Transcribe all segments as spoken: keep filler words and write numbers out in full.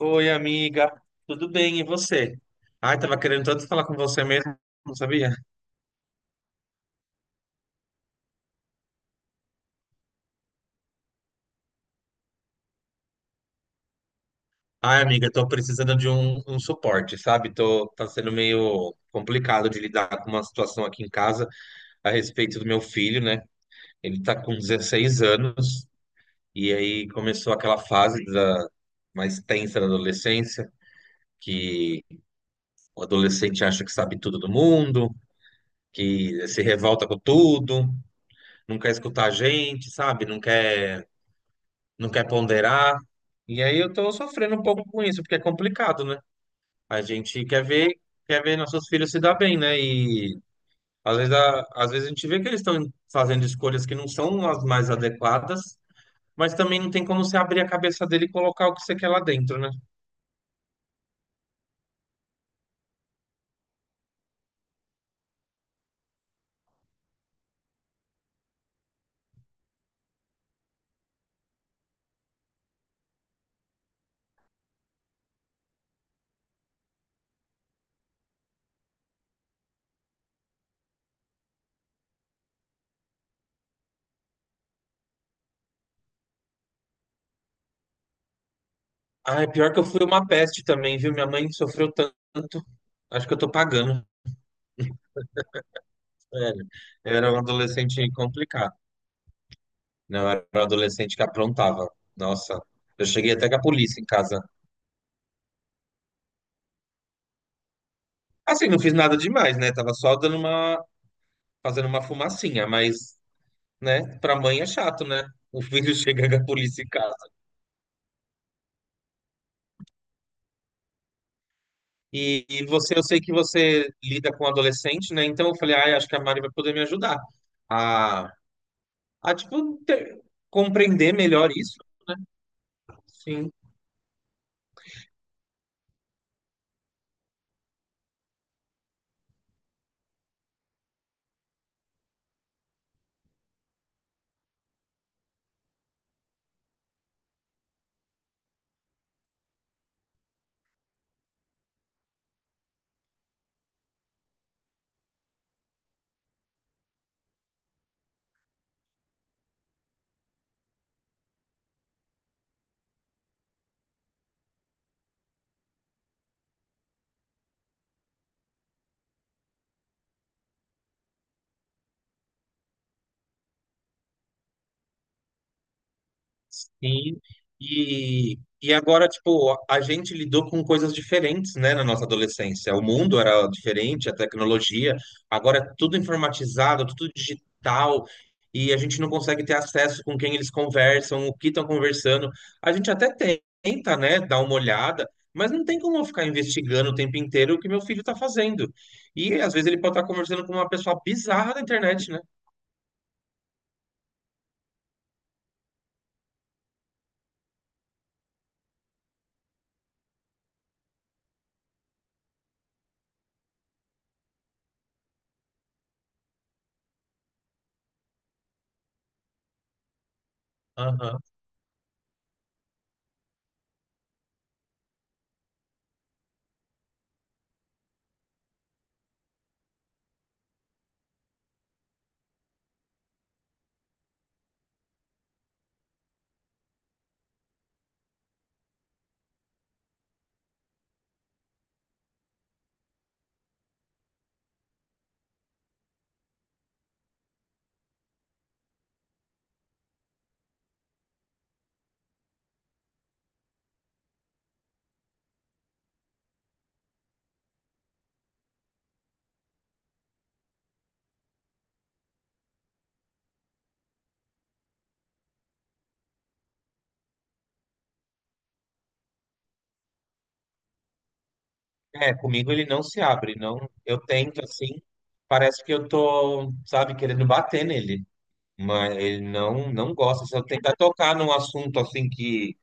Oi, amiga. Tudo bem, e você? Ai, tava querendo tanto falar com você mesmo, não sabia? Ai, amiga, tô precisando de um, um suporte, sabe? Tô, tá sendo meio complicado de lidar com uma situação aqui em casa a respeito do meu filho, né? Ele tá com dezesseis anos e aí começou aquela fase da, mais tensa da adolescência, que o adolescente acha que sabe tudo do mundo, que se revolta com tudo, não quer escutar a gente, sabe? Não quer não quer ponderar. E aí eu tô sofrendo um pouco com isso, porque é complicado, né? A gente quer ver, quer ver nossos filhos se dar bem, né? E às vezes a, às vezes a gente vê que eles estão fazendo escolhas que não são as mais adequadas, mas também não tem como você abrir a cabeça dele e colocar o que você quer lá dentro, né? Ah, é pior que eu fui uma peste também, viu? Minha mãe sofreu tanto. Acho que eu tô pagando. Sério. Eu era um adolescente complicado. Não, eu era um adolescente que aprontava. Nossa, eu cheguei até com a polícia em casa. Assim, não fiz nada demais, né? Tava só dando uma, fazendo uma fumacinha, mas, né, pra mãe é chato, né? O filho chega a polícia em casa. E, e você, eu sei que você lida com adolescente, né? Então eu falei, ah, acho que a Mari vai poder me ajudar a, a tipo, ter- compreender melhor isso. Sim. Sim. E, e agora, tipo, a gente lidou com coisas diferentes, né, na nossa adolescência. O mundo era diferente, a tecnologia. Agora é tudo informatizado, tudo digital. E a gente não consegue ter acesso com quem eles conversam, o que estão conversando. A gente até tenta, né, dar uma olhada, mas não tem como eu ficar investigando o tempo inteiro o que meu filho está fazendo. E às vezes ele pode estar conversando com uma pessoa bizarra na internet, né? É, comigo ele não se abre, não. Eu tento assim, parece que eu tô, sabe, querendo bater nele, mas ele não não gosta. Se eu tentar tocar num assunto assim que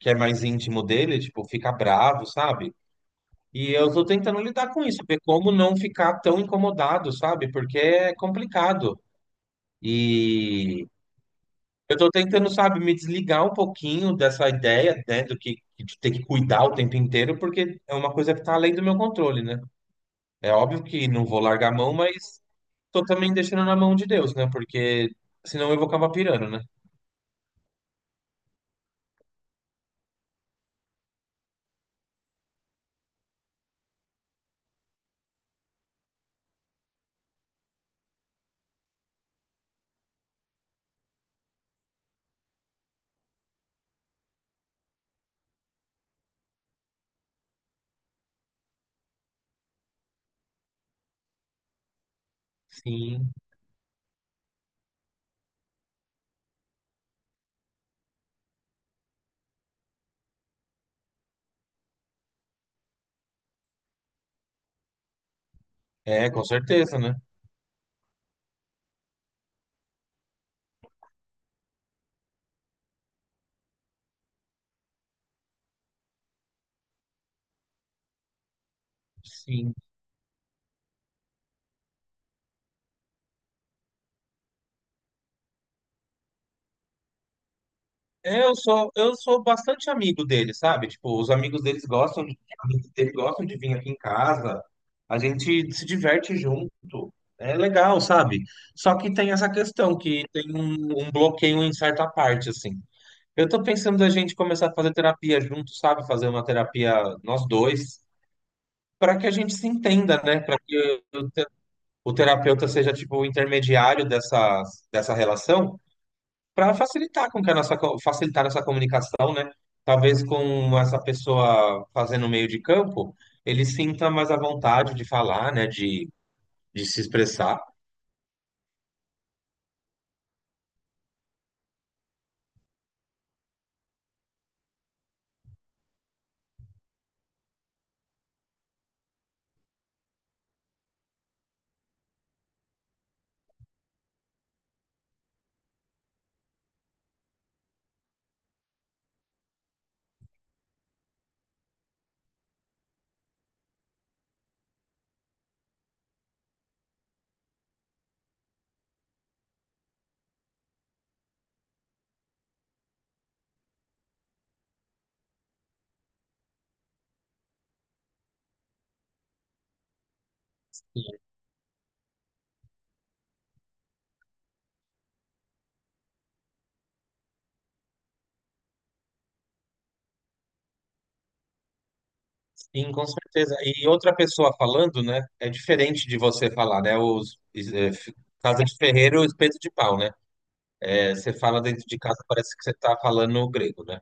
que é mais íntimo dele, tipo, fica bravo, sabe? E eu tô tentando lidar com isso, ver como não ficar tão incomodado, sabe? Porque é complicado. E eu tô tentando, sabe, me desligar um pouquinho dessa ideia, né, do que de ter que cuidar o tempo inteiro, porque é uma coisa que tá além do meu controle, né? É óbvio que não vou largar a mão, mas tô também deixando na mão de Deus, né? Porque senão eu vou acabar pirando, né? Sim, é, com certeza, né? Sim. É, eu sou, eu sou bastante amigo dele, sabe? Tipo, os amigos deles gostam de, amigos dele gostam de vir aqui em casa. A gente se diverte junto. É legal, sabe? Só que tem essa questão que tem um, um bloqueio em certa parte, assim. Eu tô pensando da gente começar a fazer terapia junto, sabe? Fazer uma terapia nós dois, para que a gente se entenda, né? Para que o te- o terapeuta seja tipo o intermediário dessa, dessa relação, para facilitar com que a nossa co- facilitar essa comunicação, né? Talvez com essa pessoa fazendo o meio de campo, ele sinta mais à vontade de falar, né? De, de se expressar. Sim, com certeza. E outra pessoa falando, né? É diferente de você falar, né? Os é, f- Casa de ferreiro, espeto de pau, né? É, você fala dentro de casa, parece que você está falando grego, né?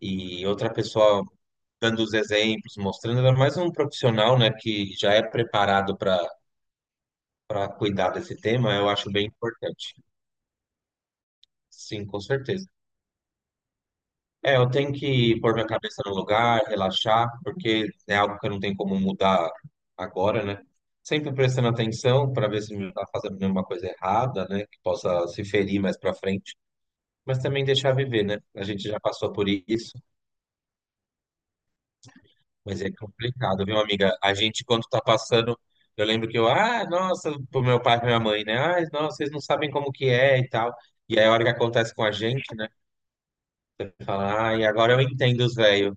E outra pessoa dando os exemplos, mostrando, ainda mais um profissional, né, que já é preparado para para cuidar desse tema, eu acho bem importante. Sim, com certeza. É, eu tenho que pôr minha cabeça no lugar, relaxar, porque é algo que eu não tenho como mudar agora, né? Sempre prestando atenção para ver se não está fazendo nenhuma coisa errada, né, que possa se ferir mais para frente, mas também deixar viver, né? A gente já passou por isso. Mas é complicado, viu, amiga? A gente, quando tá passando, eu lembro que eu, ah, nossa, pro meu pai e pra minha mãe, né? Ah, nossa, vocês não sabem como que é e tal. E aí, a hora que acontece com a gente, né? Fala, ah, e agora eu entendo os velhos.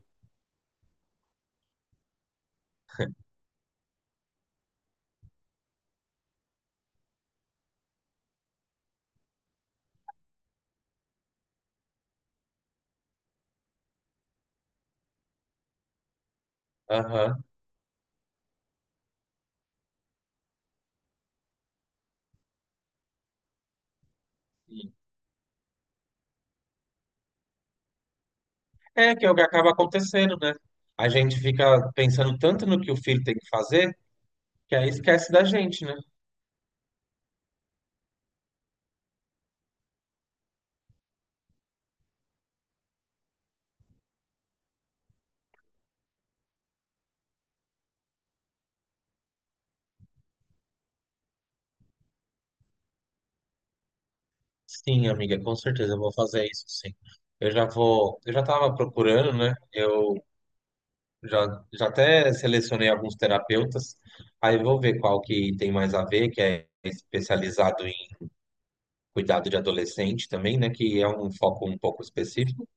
Aham. É que é o que acaba acontecendo, né? A gente fica pensando tanto no que o filho tem que fazer, que aí esquece da gente, né? Sim, amiga, com certeza eu vou fazer isso, sim. Eu já vou, eu já tava procurando, né? Eu já, já até selecionei alguns terapeutas, aí eu vou ver qual que tem mais a ver, que é especializado em cuidado de adolescente também, né? Que é um foco um pouco específico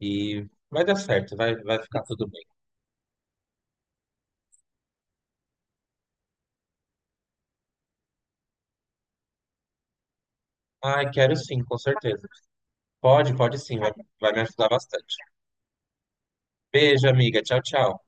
e vai dar certo, vai, vai ficar tudo bem. Ai, quero sim, com certeza. Pode, pode sim, vai, vai me ajudar bastante. Beijo, amiga. Tchau, tchau.